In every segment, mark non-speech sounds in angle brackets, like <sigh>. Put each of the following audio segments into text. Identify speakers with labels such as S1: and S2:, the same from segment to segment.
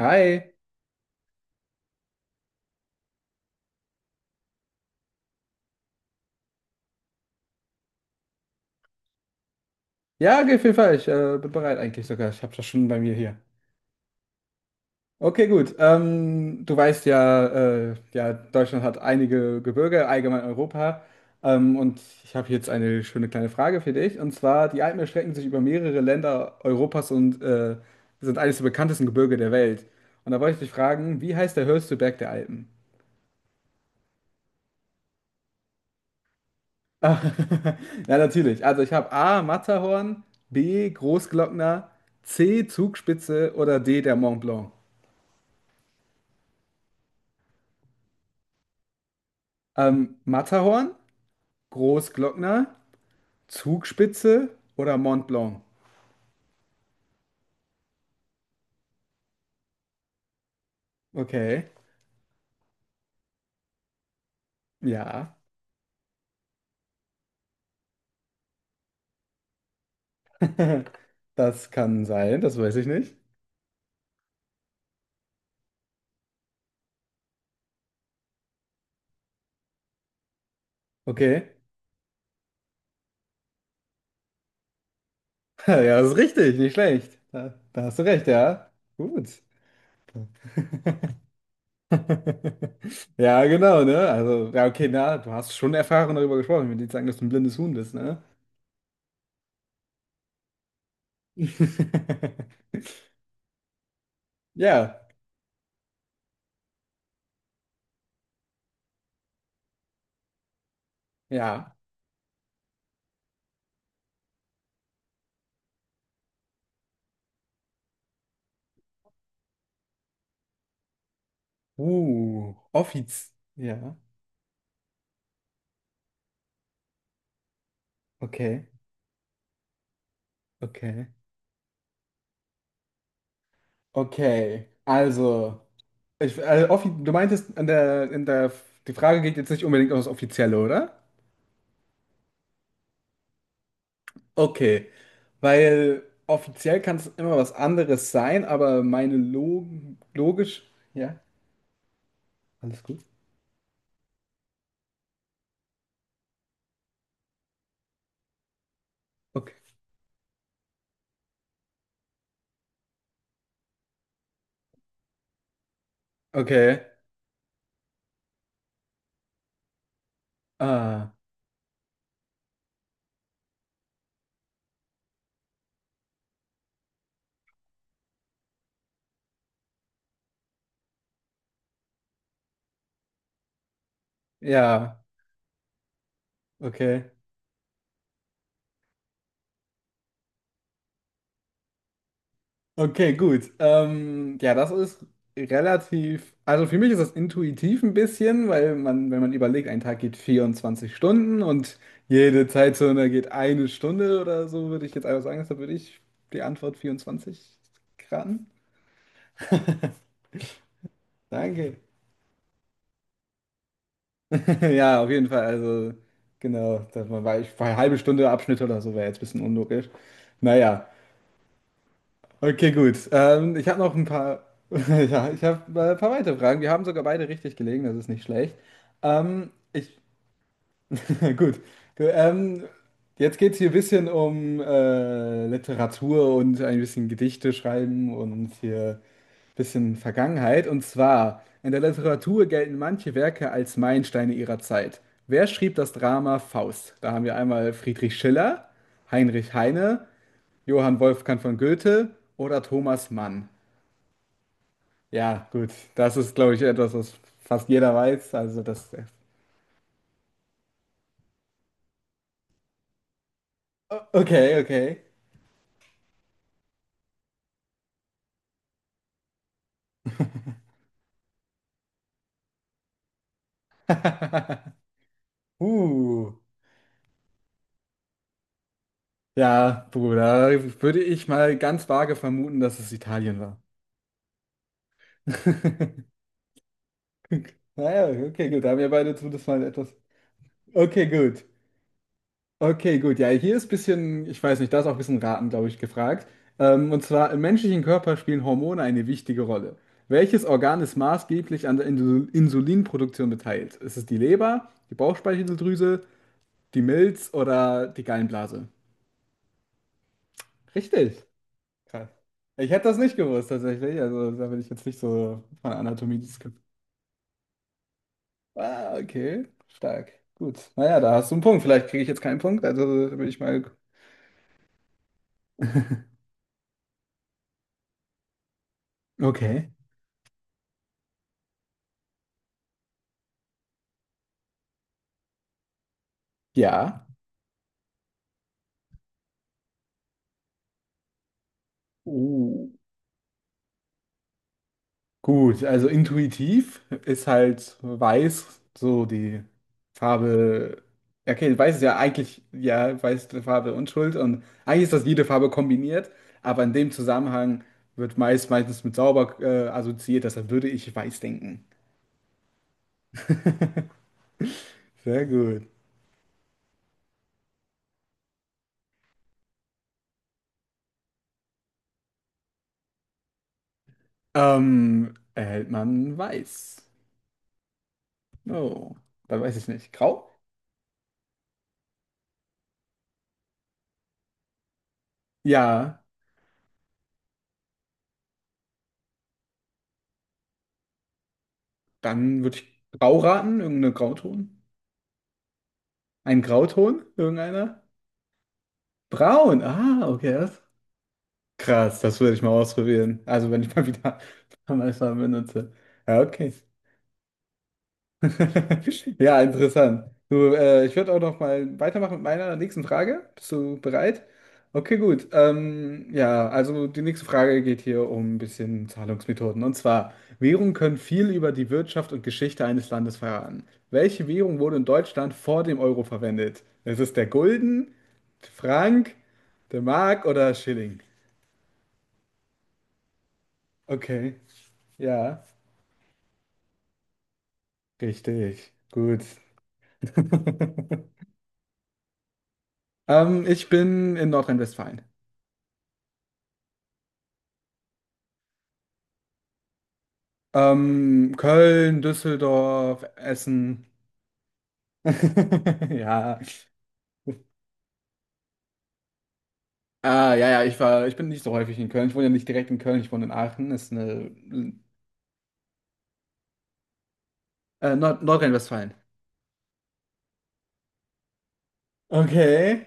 S1: Hi. Ja, geht auf jeden. Ich, bin bereit eigentlich sogar. Ich habe das schon bei mir hier. Okay, gut. Du weißt ja, ja, Deutschland hat einige Gebirge, allgemein Europa. Und ich habe jetzt eine schöne kleine Frage für dich. Und zwar, die Alpen erstrecken sich über mehrere Länder Europas und sind eines der bekanntesten Gebirge der Welt. Und da wollte ich dich fragen, wie heißt der höchste Berg der Alpen? <laughs> Ah, ja, natürlich. Also ich habe A, Matterhorn, B, Großglockner, C, Zugspitze oder D, der Mont Blanc. Matterhorn, Großglockner, Zugspitze oder Mont Blanc? Okay, ja. <laughs> Das kann sein, das weiß ich nicht. Okay. <laughs> Ja, das ist richtig, nicht schlecht. Da hast du recht, ja. Gut. <laughs> Ja, genau, ne? Also, ja, okay, na, du hast schon Erfahrung darüber gesprochen. Ich will nicht sagen, dass du ein blindes Huhn bist, ne? <laughs> Ja, ja. Offiz. Ja, okay, okay. Okay, also, ich, offi du meintest, an der, in der, die Frage geht jetzt nicht unbedingt um das Offizielle, oder? Okay, weil offiziell kann es immer was anderes sein, aber meine logisch, ja, alles gut. Okay, okay, ah, ja, okay. Okay, gut. Ja, das ist relativ, also für mich ist das intuitiv ein bisschen, weil man, wenn man überlegt, ein Tag geht 24 Stunden und jede Zeitzone geht eine Stunde oder so, würde ich jetzt einfach sagen, deshalb würde ich die Antwort 24 raten. <laughs> Danke. Ja, auf jeden Fall. Also, genau, dass man, weil halbe Stunde Abschnitte oder so wäre jetzt ein bisschen unlogisch. Naja. Okay, gut. Ich habe noch ein paar, <laughs> ja, ich habe ein paar weitere Fragen. Wir haben sogar beide richtig gelegen, das ist nicht schlecht. Ähm, ich, <laughs> gut. Gu- Ähm, jetzt geht es hier ein bisschen um Literatur und ein bisschen Gedichte schreiben und hier ein bisschen Vergangenheit. Und zwar, in der Literatur gelten manche Werke als Meilensteine ihrer Zeit. Wer schrieb das Drama Faust? Da haben wir einmal Friedrich Schiller, Heinrich Heine, Johann Wolfgang von Goethe oder Thomas Mann. Ja, gut. Das ist, glaube ich, etwas, was fast jeder weiß. Also das. Okay, okay. <laughs> Uh. Ja, Bruder, würde ich mal ganz vage vermuten, dass es Italien war. <laughs> Naja, okay, gut. Da haben wir beide zumindest mal etwas. Okay, gut. Okay, gut. Ja, hier ist ein bisschen, ich weiß nicht, da ist auch ein bisschen Raten, glaube ich, gefragt. Und zwar, im menschlichen Körper spielen Hormone eine wichtige Rolle. Welches Organ ist maßgeblich an der Insulinproduktion beteiligt? Ist es die Leber, die Bauchspeicheldrüse, die Milz oder die Gallenblase? Richtig. Krass. Ich hätte das nicht gewusst, tatsächlich. Also, da bin ich jetzt nicht so von Anatomie. Ah, okay. Stark. Gut. Naja, da hast du einen Punkt. Vielleicht kriege ich jetzt keinen Punkt. Also, da bin ich mal. Okay. Ja. Uh. Gut, also intuitiv ist halt weiß so die Farbe. Ja, okay, weiß ist ja eigentlich, ja, weiß ist eine Farbe Unschuld und eigentlich ist das jede Farbe kombiniert, aber in dem Zusammenhang wird meistens mit sauber assoziiert, deshalb würde ich weiß denken. Sehr gut. Erhält man weiß? Oh, dann weiß ich nicht. Grau? Ja, dann würde ich grau raten, irgendeine Grauton. Ein Grauton, irgendeiner? Braun, ah, okay. Das Krass, das würde ich mal ausprobieren. Also wenn ich mal wieder <laughs> Amazon benutze. Ja, okay. <laughs> Ja, interessant. Du, ich würde auch noch mal weitermachen mit meiner nächsten Frage. Bist du bereit? Okay, gut. Ja, also die nächste Frage geht hier um ein bisschen Zahlungsmethoden. Und zwar, Währungen können viel über die Wirtschaft und Geschichte eines Landes verraten. Welche Währung wurde in Deutschland vor dem Euro verwendet? Es ist der Gulden, Frank, der Mark oder Schilling? Okay, ja. Richtig, gut. <laughs> Ich bin in Nordrhein-Westfalen. Köln, Düsseldorf, Essen. <laughs> Ja. Ah, ja, ja, ich bin nicht so häufig in Köln. Ich wohne ja nicht direkt in Köln, ich wohne in Aachen. Ist eine, Nordrhein-Westfalen. Okay.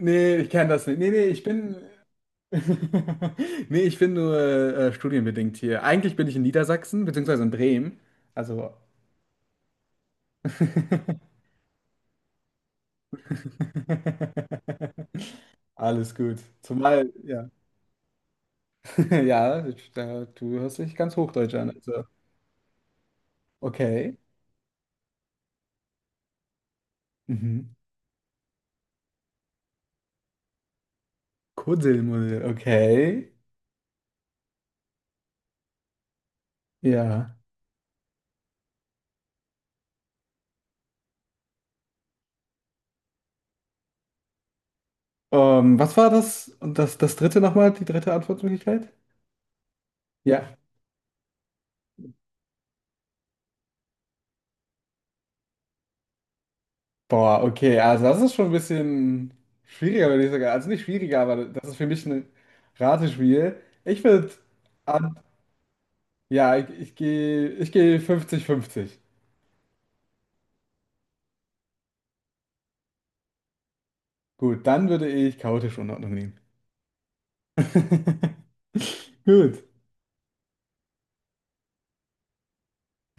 S1: Nee, ich kenne das nicht. Nee, nee, ich bin. <laughs> Nee, ich bin nur studienbedingt hier. Eigentlich bin ich in Niedersachsen, beziehungsweise in Bremen. Also. <laughs> Alles gut. Zumal, ja, <laughs> ja, da, du hörst dich ganz Hochdeutsch an. Also, okay. Mhm. Kuddelmuddel, okay. Ja. Was war das? Und das, das dritte nochmal, die dritte Antwortmöglichkeit? Ja. Boah, okay. Also, das ist schon ein bisschen schwieriger, würde ich sagen. Also, nicht schwieriger, aber das ist für mich ein Ratespiel. Ich würde an, ja, ich gehe 50-50. Gut, dann würde ich chaotische Unordnung nehmen. <laughs> Gut.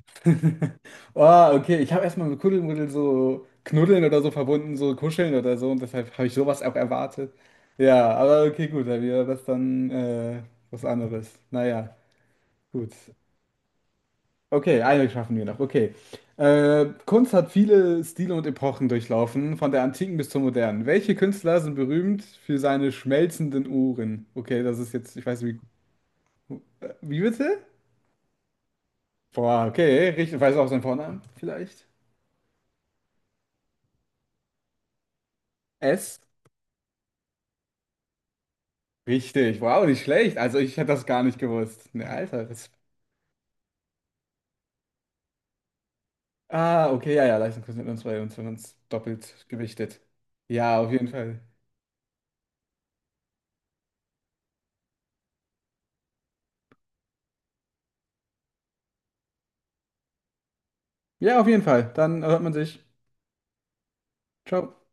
S1: <laughs> Oh, okay. Ich habe erstmal mit Kuddelmuddel so knuddeln oder so verbunden, so kuscheln oder so und deshalb habe ich sowas auch erwartet. Ja, aber okay, gut, dann wäre das dann was anderes. Naja, gut. Okay, eine schaffen wir noch. Okay. Kunst hat viele Stile und Epochen durchlaufen, von der Antiken bis zur Modernen. Welche Künstler sind berühmt für seine schmelzenden Uhren? Okay, das ist jetzt, ich weiß. Richtig, wow, nicht schlecht. Also ich hätte das gar nicht gewusst. Ne, Alter. Ah, okay, ja, ja, Leistungskurs mit uns bei uns, wenn man es doppelt gewichtet. Ja, auf jeden Fall. Ja, auf jeden Fall. Dann hört man sich. Ciao.